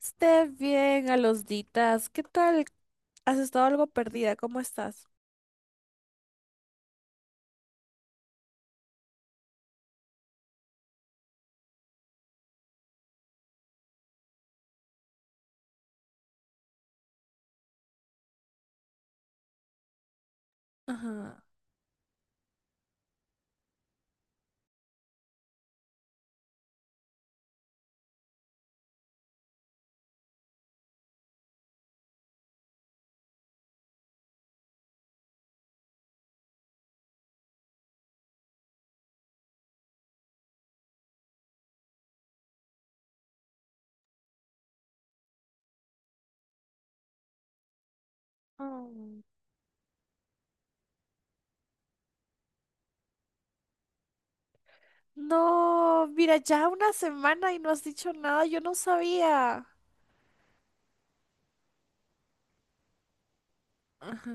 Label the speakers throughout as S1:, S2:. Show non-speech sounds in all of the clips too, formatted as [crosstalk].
S1: Esté bien, a los ditas. ¿Qué tal? ¿Has estado algo perdida? ¿Cómo estás? Ajá. Mm. No, mira, ya una semana y no has dicho nada, yo no sabía. Ajá.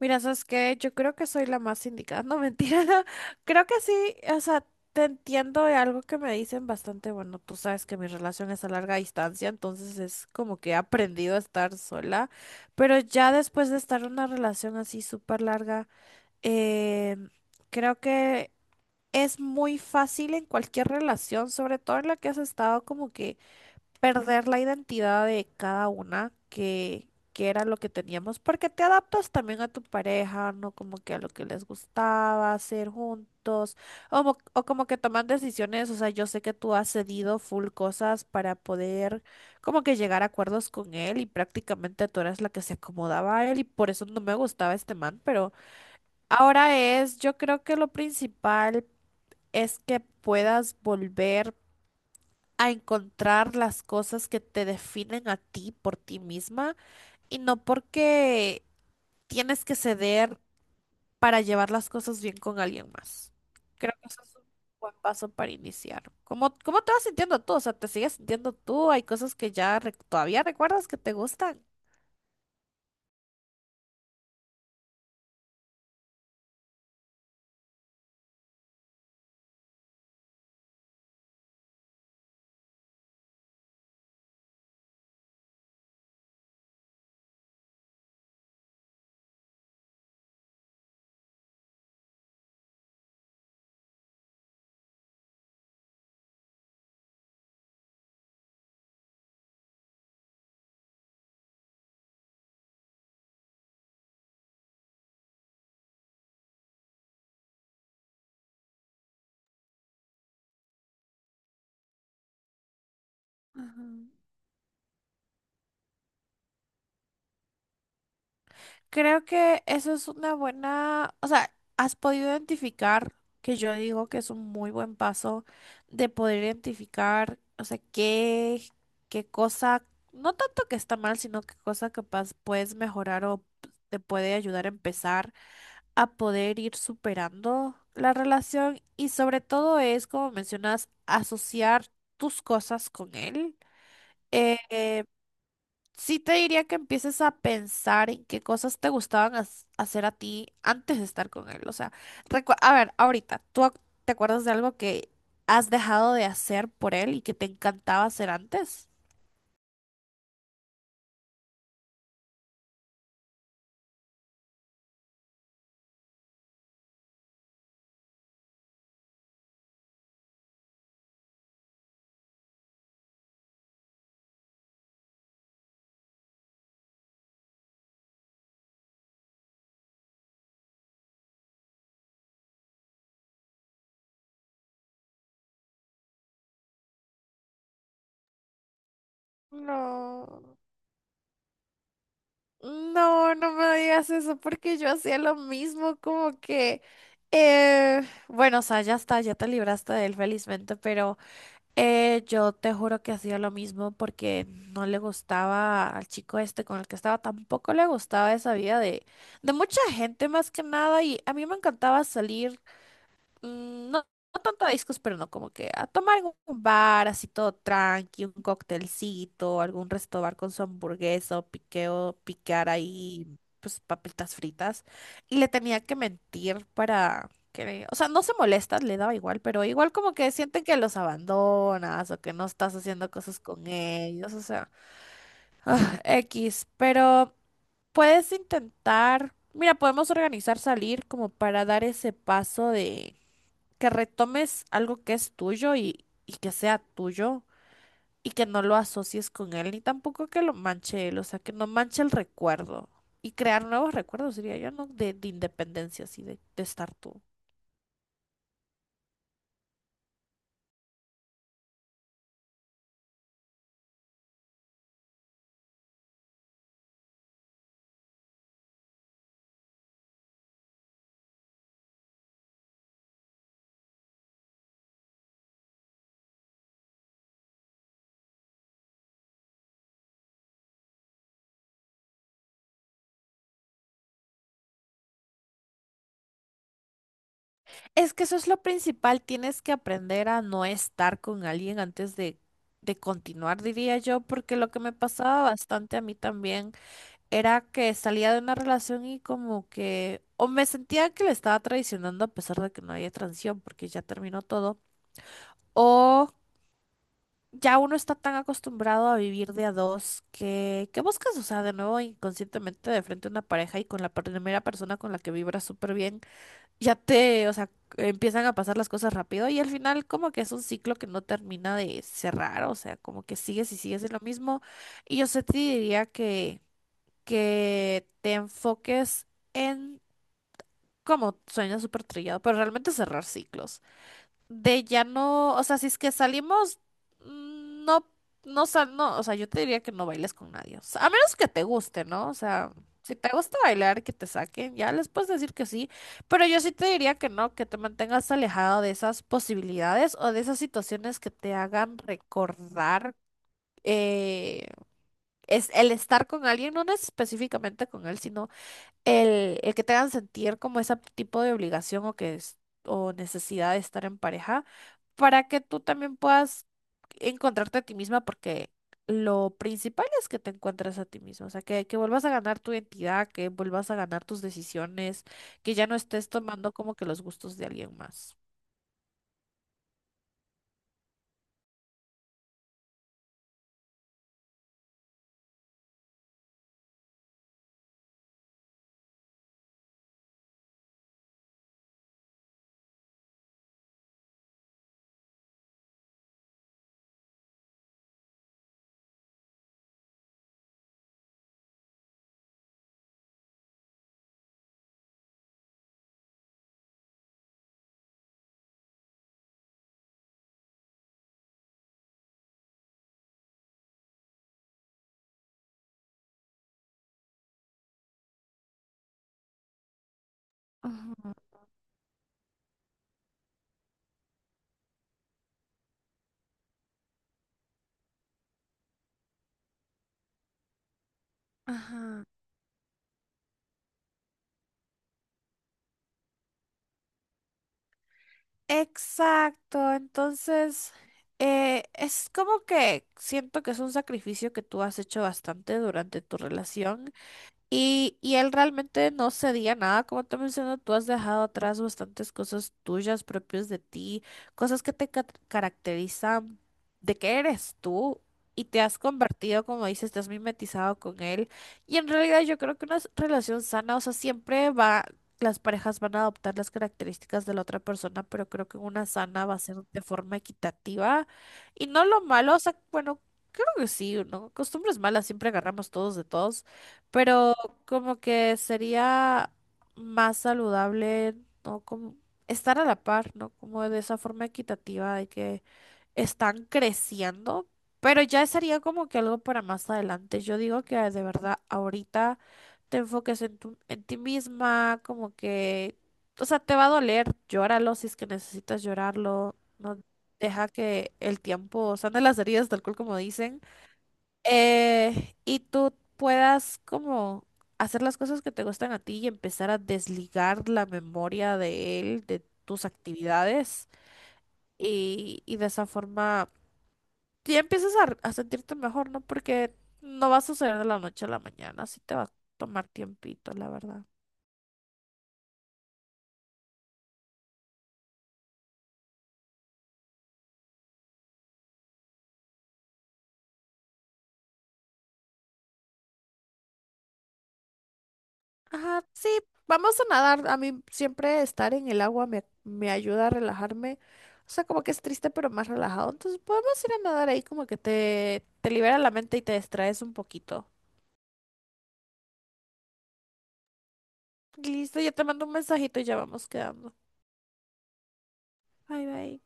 S1: Mira, ¿sabes qué? Yo creo que soy la más indicada, no mentira. [laughs] Creo que sí, o sea, te entiendo de algo que me dicen bastante. Bueno, tú sabes que mi relación es a larga distancia, entonces es como que he aprendido a estar sola, pero ya después de estar en una relación así súper larga. Eh, Creo que es muy fácil en cualquier relación, sobre todo en la que has estado, como que perder la identidad de cada una, que era lo que teníamos, porque te adaptas también a tu pareja, ¿no? Como que a lo que les gustaba hacer juntos, o como que toman decisiones. O sea, yo sé que tú has cedido full cosas para poder como que llegar a acuerdos con él, y prácticamente tú eras la que se acomodaba a él y por eso no me gustaba este man, pero. Ahora es, yo creo que lo principal es que puedas volver a encontrar las cosas que te definen a ti por ti misma y no porque tienes que ceder para llevar las cosas bien con alguien más. Creo que eso es un buen paso para iniciar. ¿Cómo te vas sintiendo tú? O sea, ¿te sigues sintiendo tú? ¿Hay cosas que ya todavía recuerdas que te gustan? Ajá. Creo que eso es una buena, o sea, has podido identificar, que yo digo que es un muy buen paso de poder identificar, o sea, qué, cosa, no tanto que está mal, sino qué cosa capaz puedes mejorar o te puede ayudar a empezar a poder ir superando la relación, y sobre todo es, como mencionas, asociar tus cosas con él. Eh, eh, Sí te diría que empieces a pensar en qué cosas te gustaban hacer a ti antes de estar con él. O sea, a ver, ahorita, ¿tú te acuerdas de algo que has dejado de hacer por él y que te encantaba hacer antes? No, no, no me digas eso porque yo hacía lo mismo, como que, eh, bueno, o sea, ya está, ya te libraste de él felizmente, pero yo te juro que hacía lo mismo porque no le gustaba al chico este con el que estaba, tampoco le gustaba esa vida de mucha gente más que nada, y a mí me encantaba salir. mm, no, no tanto a discos, pero no, como que a tomar algún bar así todo tranqui, un cóctelcito, algún resto bar con su hamburguesa o piqueo, picar ahí pues papitas fritas. Y le tenía que mentir para que, o sea, no se molesta, le daba igual, pero igual como que sienten que los abandonas o que no estás haciendo cosas con ellos, o sea, X, pero puedes intentar. Mira, podemos organizar salir como para dar ese paso de que retomes algo que es tuyo, y que sea tuyo y que no lo asocies con él, ni tampoco que lo manche él, o sea, que no manche el recuerdo. Y crear nuevos recuerdos, diría yo, ¿no? De independencia, así, de estar tú. Es que eso es lo principal, tienes que aprender a no estar con alguien antes de continuar, diría yo, porque lo que me pasaba bastante a mí también era que salía de una relación y como que o me sentía que le estaba traicionando, a pesar de que no había transición porque ya terminó todo. O ya uno está tan acostumbrado a vivir de a dos que buscas, o sea, de nuevo inconscientemente de frente a una pareja, y con la primera persona con la que vibras súper bien, ya te, o sea, empiezan a pasar las cosas rápido, y al final como que es un ciclo que no termina de cerrar, o sea, como que sigues y sigues en lo mismo. Y yo sí te diría que te enfoques en como sueño súper trillado, pero realmente cerrar ciclos de ya no, o sea, si es que salimos, no, no, sal, no, o sea, yo te diría que no bailes con nadie, o sea, a menos que te guste, ¿no? O sea, si te gusta bailar, que te saquen, ya les puedes decir que sí, pero yo sí te diría que no, que te mantengas alejado de esas posibilidades o de esas situaciones que te hagan recordar. eh, es el estar con alguien, no específicamente con él, sino el que te hagan sentir como ese tipo de obligación, o que es, o necesidad de estar en pareja para que tú también puedas encontrarte a ti misma, porque lo principal es que te encuentres a ti misma, o sea, que vuelvas a ganar tu identidad, que vuelvas a ganar tus decisiones, que ya no estés tomando como que los gustos de alguien más. Ujú, ajá. Exacto, entonces es como que siento que es un sacrificio que tú has hecho bastante durante tu relación. Y él realmente no cedía nada, como te menciono, tú has dejado atrás bastantes cosas tuyas, propias de ti, cosas que te caracterizan, de que eres tú, y te has convertido, como dices, te has mimetizado con él. Y en realidad yo creo que una relación sana, o sea, siempre va, las parejas van a adoptar las características de la otra persona, pero creo que una sana va a ser de forma equitativa y no lo malo, o sea, bueno, creo que sí, ¿no? Costumbres malas siempre agarramos todos de todos. Pero como que sería más saludable, ¿no? Como estar a la par, ¿no? Como de esa forma equitativa de que están creciendo, pero ya sería como que algo para más adelante. Yo digo que de verdad ahorita te enfoques en en ti misma, como que, o sea, te va a doler, llóralo si es que necesitas llorarlo, no, deja que el tiempo sane las heridas, tal cual como dicen. Y tú puedas como hacer las cosas que te gustan a ti y empezar a desligar la memoria de él, de tus actividades, y de esa forma ya empiezas a sentirte mejor, ¿no? Porque no va a suceder de la noche a la mañana, sí te va a tomar tiempito, la verdad. Ajá, sí, vamos a nadar. A mí siempre estar en el agua me ayuda a relajarme. O sea, como que es triste, pero más relajado. Entonces podemos ir a nadar ahí, como que te libera la mente y te distraes un poquito. Listo, ya te mando un mensajito y ya vamos quedando. Bye, bye.